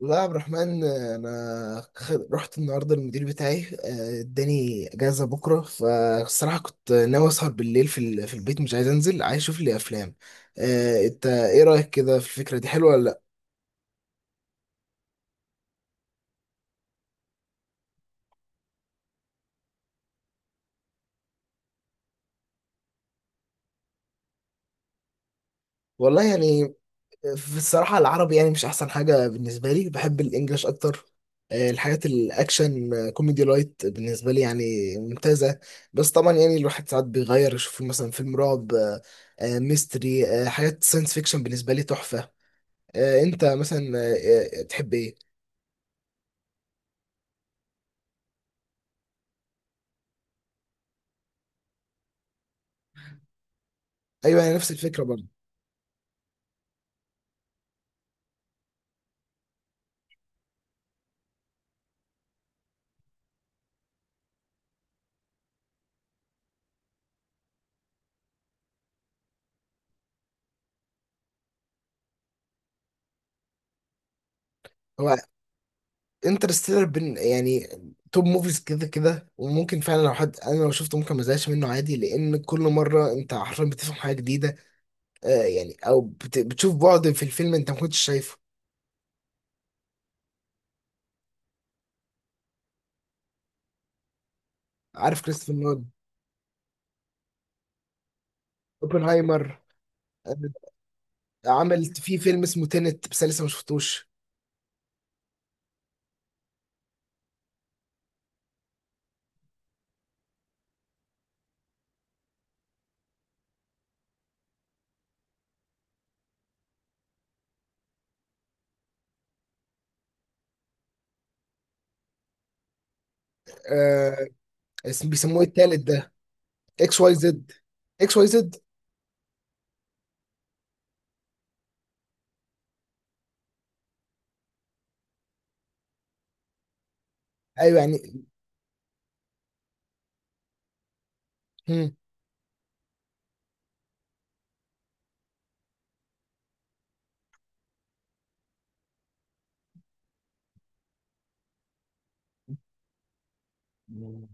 لا يا عبد الرحمن، انا رحت النهارده، المدير بتاعي اداني اجازه بكره. فالصراحه كنت ناوي اسهر بالليل في في البيت، مش عايز انزل، عايز اشوف لي افلام. انت ايه رايك كده؟ في الفكره دي حلوه ولا لا؟ والله يعني، في الصراحه العربي يعني مش احسن حاجه بالنسبه لي، بحب الانجليش اكتر. الحاجات الاكشن، كوميدي لايت بالنسبه لي يعني ممتازه. بس طبعا يعني الواحد ساعات بيغير، يشوف مثلا فيلم رعب، ميستري، حاجات ساينس فيكشن بالنسبه لي تحفه. انت مثلا تحب ايه؟ ايوه، انا نفس الفكره برضه. هو انترستيلر بن يعني توب موفيز كده كده، وممكن فعلا لو حد انا لو شفته ممكن ما ازهقش منه عادي، لان كل مره انت حرفيا بتفهم حاجه جديده، يعني او بتشوف بعد في الفيلم انت ما كنتش شايفه. عارف كريستوفر نولان. اوبنهايمر، آه، عمل في فيلم اسمه تينت بس أنا لسه ما شفتوش. آه، اسم بيسموه التالت ده؟ X Y Z. X Y Z. ايوه يعني. مم.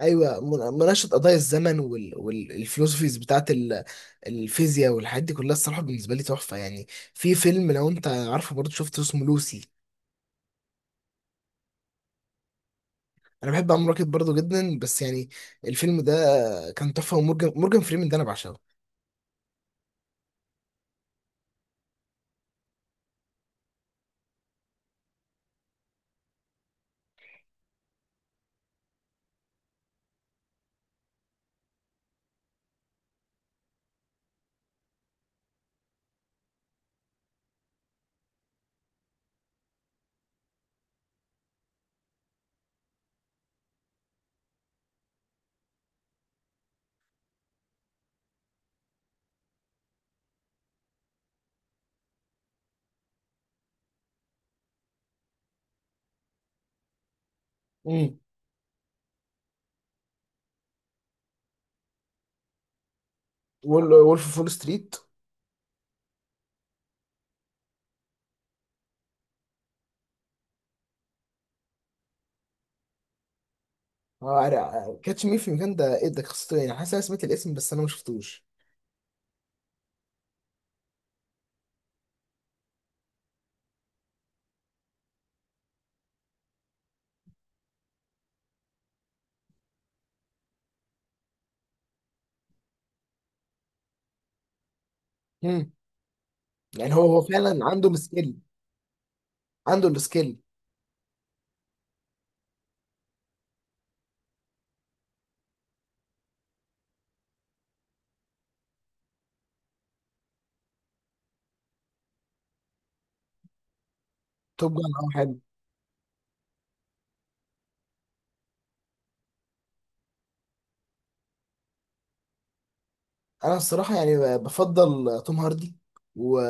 ايوه، مناقشه قضايا الزمن والفلوسفيز بتاعت الفيزياء والحاجات دي كلها، الصراحه بالنسبه لي تحفه يعني. في فيلم لو انت عارفه برضه شفته اسمه لوسي. انا بحب عمرو راكب برضه جدا، بس يعني الفيلم ده كان تحفه. ومورجان، مورجان فريمان ده انا بعشقه. امم وولف فول ستريت. كاتش مي في المكان ده ايه؟ ده قصته إيه؟ يعني حاسس انا سمعت الاسم بس انا ما شفتوش. امم يعني هو فعلا عنده السكيل؟ عنده السكيل. توب جان او حاجه. انا الصراحه يعني بفضل توم هاردي، و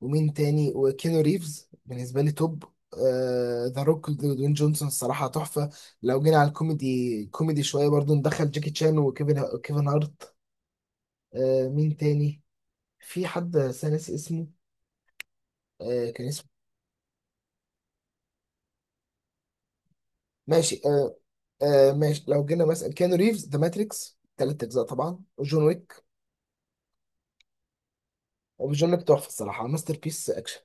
ومين تاني، وكينو ريفز بالنسبه لي توب. ذا روك ودوين جونسون، الصراحه تحفه. لو جينا على الكوميدي، كوميدي شويه برضو ندخل جاكي تشان وكيفن، كيفن هارت. مين تاني؟ في حد بس أنا ناسي اسمه، كان اسمه... ماشي. ماشي، لو جينا مثلا كيانو ريفز، ذا ماتريكس 3 اجزاء طبعا، وجون ويك. وجون ويك تحفه الصراحه، ماستر بيس اكشن.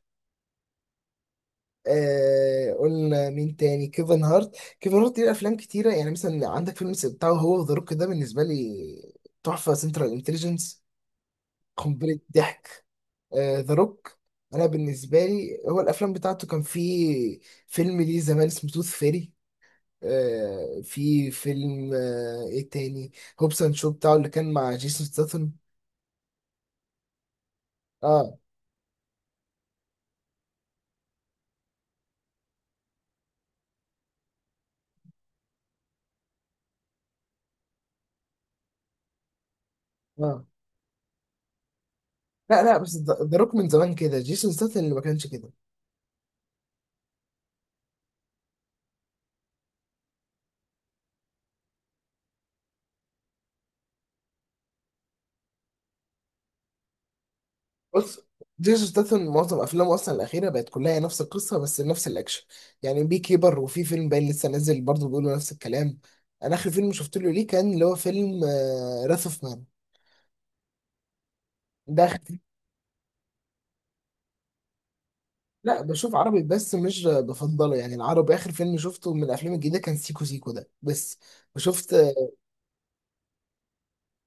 قلنا مين تاني؟ كيفن هارت ليه افلام كتيره، يعني مثلا عندك فيلم بتاعه هو ذا روك، ده بالنسبه لي تحفه. سنترال انتليجنس قنبله ضحك. ذا روك، انا بالنسبه لي هو الافلام بتاعته، كان في فيلم ليه زمان اسمه توث فيري. في فيلم، ايه تاني؟ هوبس اند شو بتاعه اللي كان مع جيسون ستاثام. اه. اه، لا لا، بس ذا روك من زمان كده، جيسون ستاثام اللي ما كانش كده. بص، جيسون ستاثام معظم افلامه اصلا الاخيره بقت كلها هي نفس القصه بس نفس الاكشن، يعني بي كيبر. وفي فيلم باين لسه نازل برضه بيقولوا نفس الكلام. انا اخر فيلم شفت له ليه كان اللي هو فيلم راث اوف مان. ده آخر فيلم. لا، بشوف عربي بس مش بفضله يعني. العربي اخر فيلم شفته من الافلام الجديده كان سيكو سيكو ده بس. وشفت...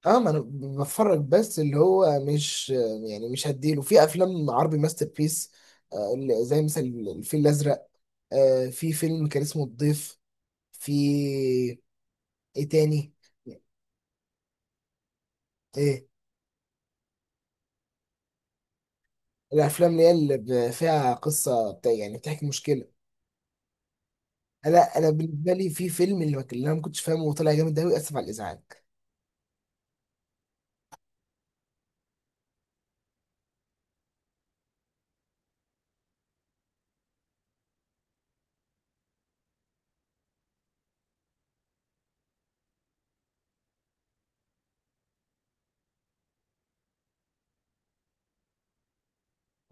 اه، ما انا بتفرج بس اللي هو مش، يعني مش هديله. في افلام عربي ماستر بيس اللي زي مثلا الفيل الازرق، في فيلم كان اسمه الضيف. في ايه تاني؟ ايه، الافلام اللي هي اللي فيها قصه بتاع، يعني بتحكي مشكله. لا، انا بالنسبه لي في فيلم اللي ما كان- اللي انا ما كنتش فاهمه وطلع جامد قوي. اسف على الازعاج.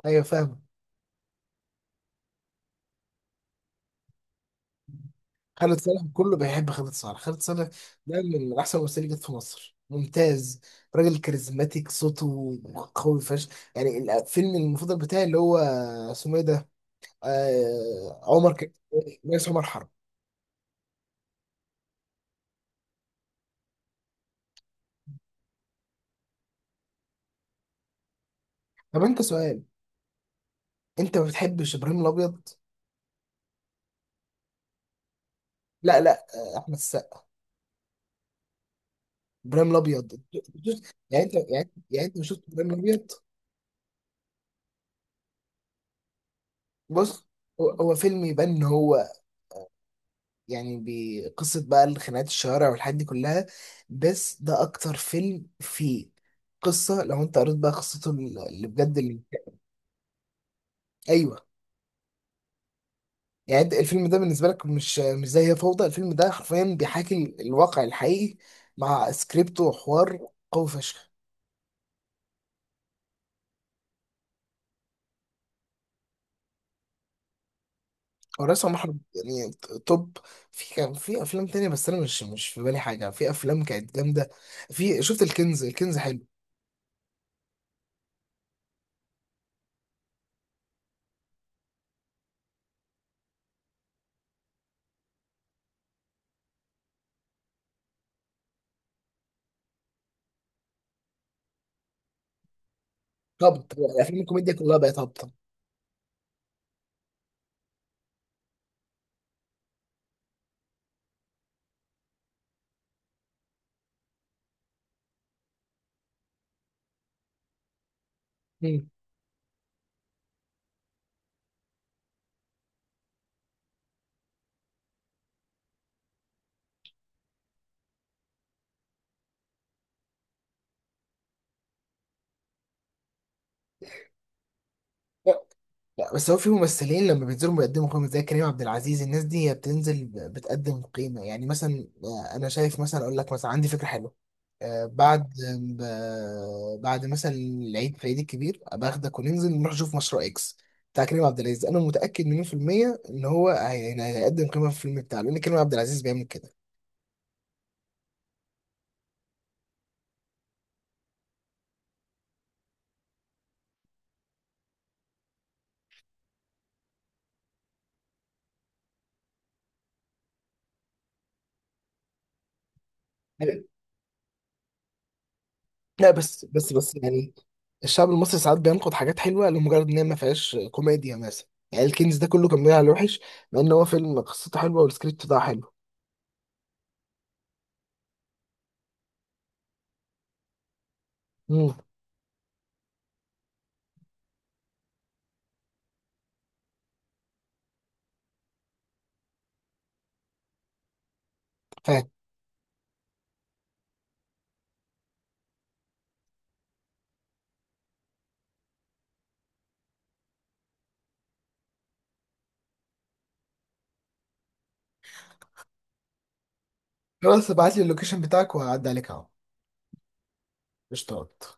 ايوه فاهمه. خالد صالح كله بيحب خالد صالح. خالد صالح ده من احسن الممثلين اللي جت في مصر، ممتاز. راجل كاريزماتيك، صوته قوي فشخ. يعني الفيلم المفضل بتاعي اللي هو اسمه ايه ده؟ آه عمر ك... رئيس عمر حرب. طب انت سؤال، انت ما بتحبش ابراهيم الابيض؟ لا لا، احمد السقا، ابراهيم الابيض. يعني انت مش شفت ابراهيم الابيض؟ بص، هو فيلم يبان ان هو يعني بقصه بقى، الخناقات، الشوارع، والحاجات دي كلها. بس ده اكتر فيلم فيه قصه، لو انت قريت بقى قصته اللي بجد اللي... ايوه. يعني انت الفيلم ده بالنسبه لك مش زي هي فوضى؟ الفيلم ده حرفيا بيحاكي الواقع الحقيقي، مع سكريبت وحوار قوي فشخ. هو رأس محمد يعني توب. في، كان في افلام تانية، بس انا مش في بالي حاجه. في افلام كانت جامده، في شفت الكنز. الكنز حلو. هبط، الافلام الكوميديا كلها بقت هابطه. مم. لا بس هو في ممثلين لما بينزلوا بيقدموا قيمة، زي كريم عبد العزيز، الناس دي هي بتنزل، بتقدم قيمة، يعني مثلا. أنا شايف مثلا، أقول لك مثلا، عندي فكرة حلوة. بعد، بعد مثلا العيد، في العيد الكبير أبقى أخدك وننزل نروح نشوف مشروع إكس بتاع كريم عبد العزيز. أنا متأكد مليون في المية إن هو هيقدم قيمة في الفيلم بتاعه، لأن كريم عبد العزيز بيعمل كده. لا، بس، يعني، الشعب المصري ساعات بينقد حاجات حلوه لمجرد ان هي ما فيهاش كوميديا مثلا. يعني الكنز ده كله كان بيلعب على الوحش، مع ان هو فيلم قصته حلوه والسكريبت بتاعه حلو. امم فاهم. خلاص، ابعت لي اللوكيشن بتاعك وهعدي عليك اهو. اشتغلت.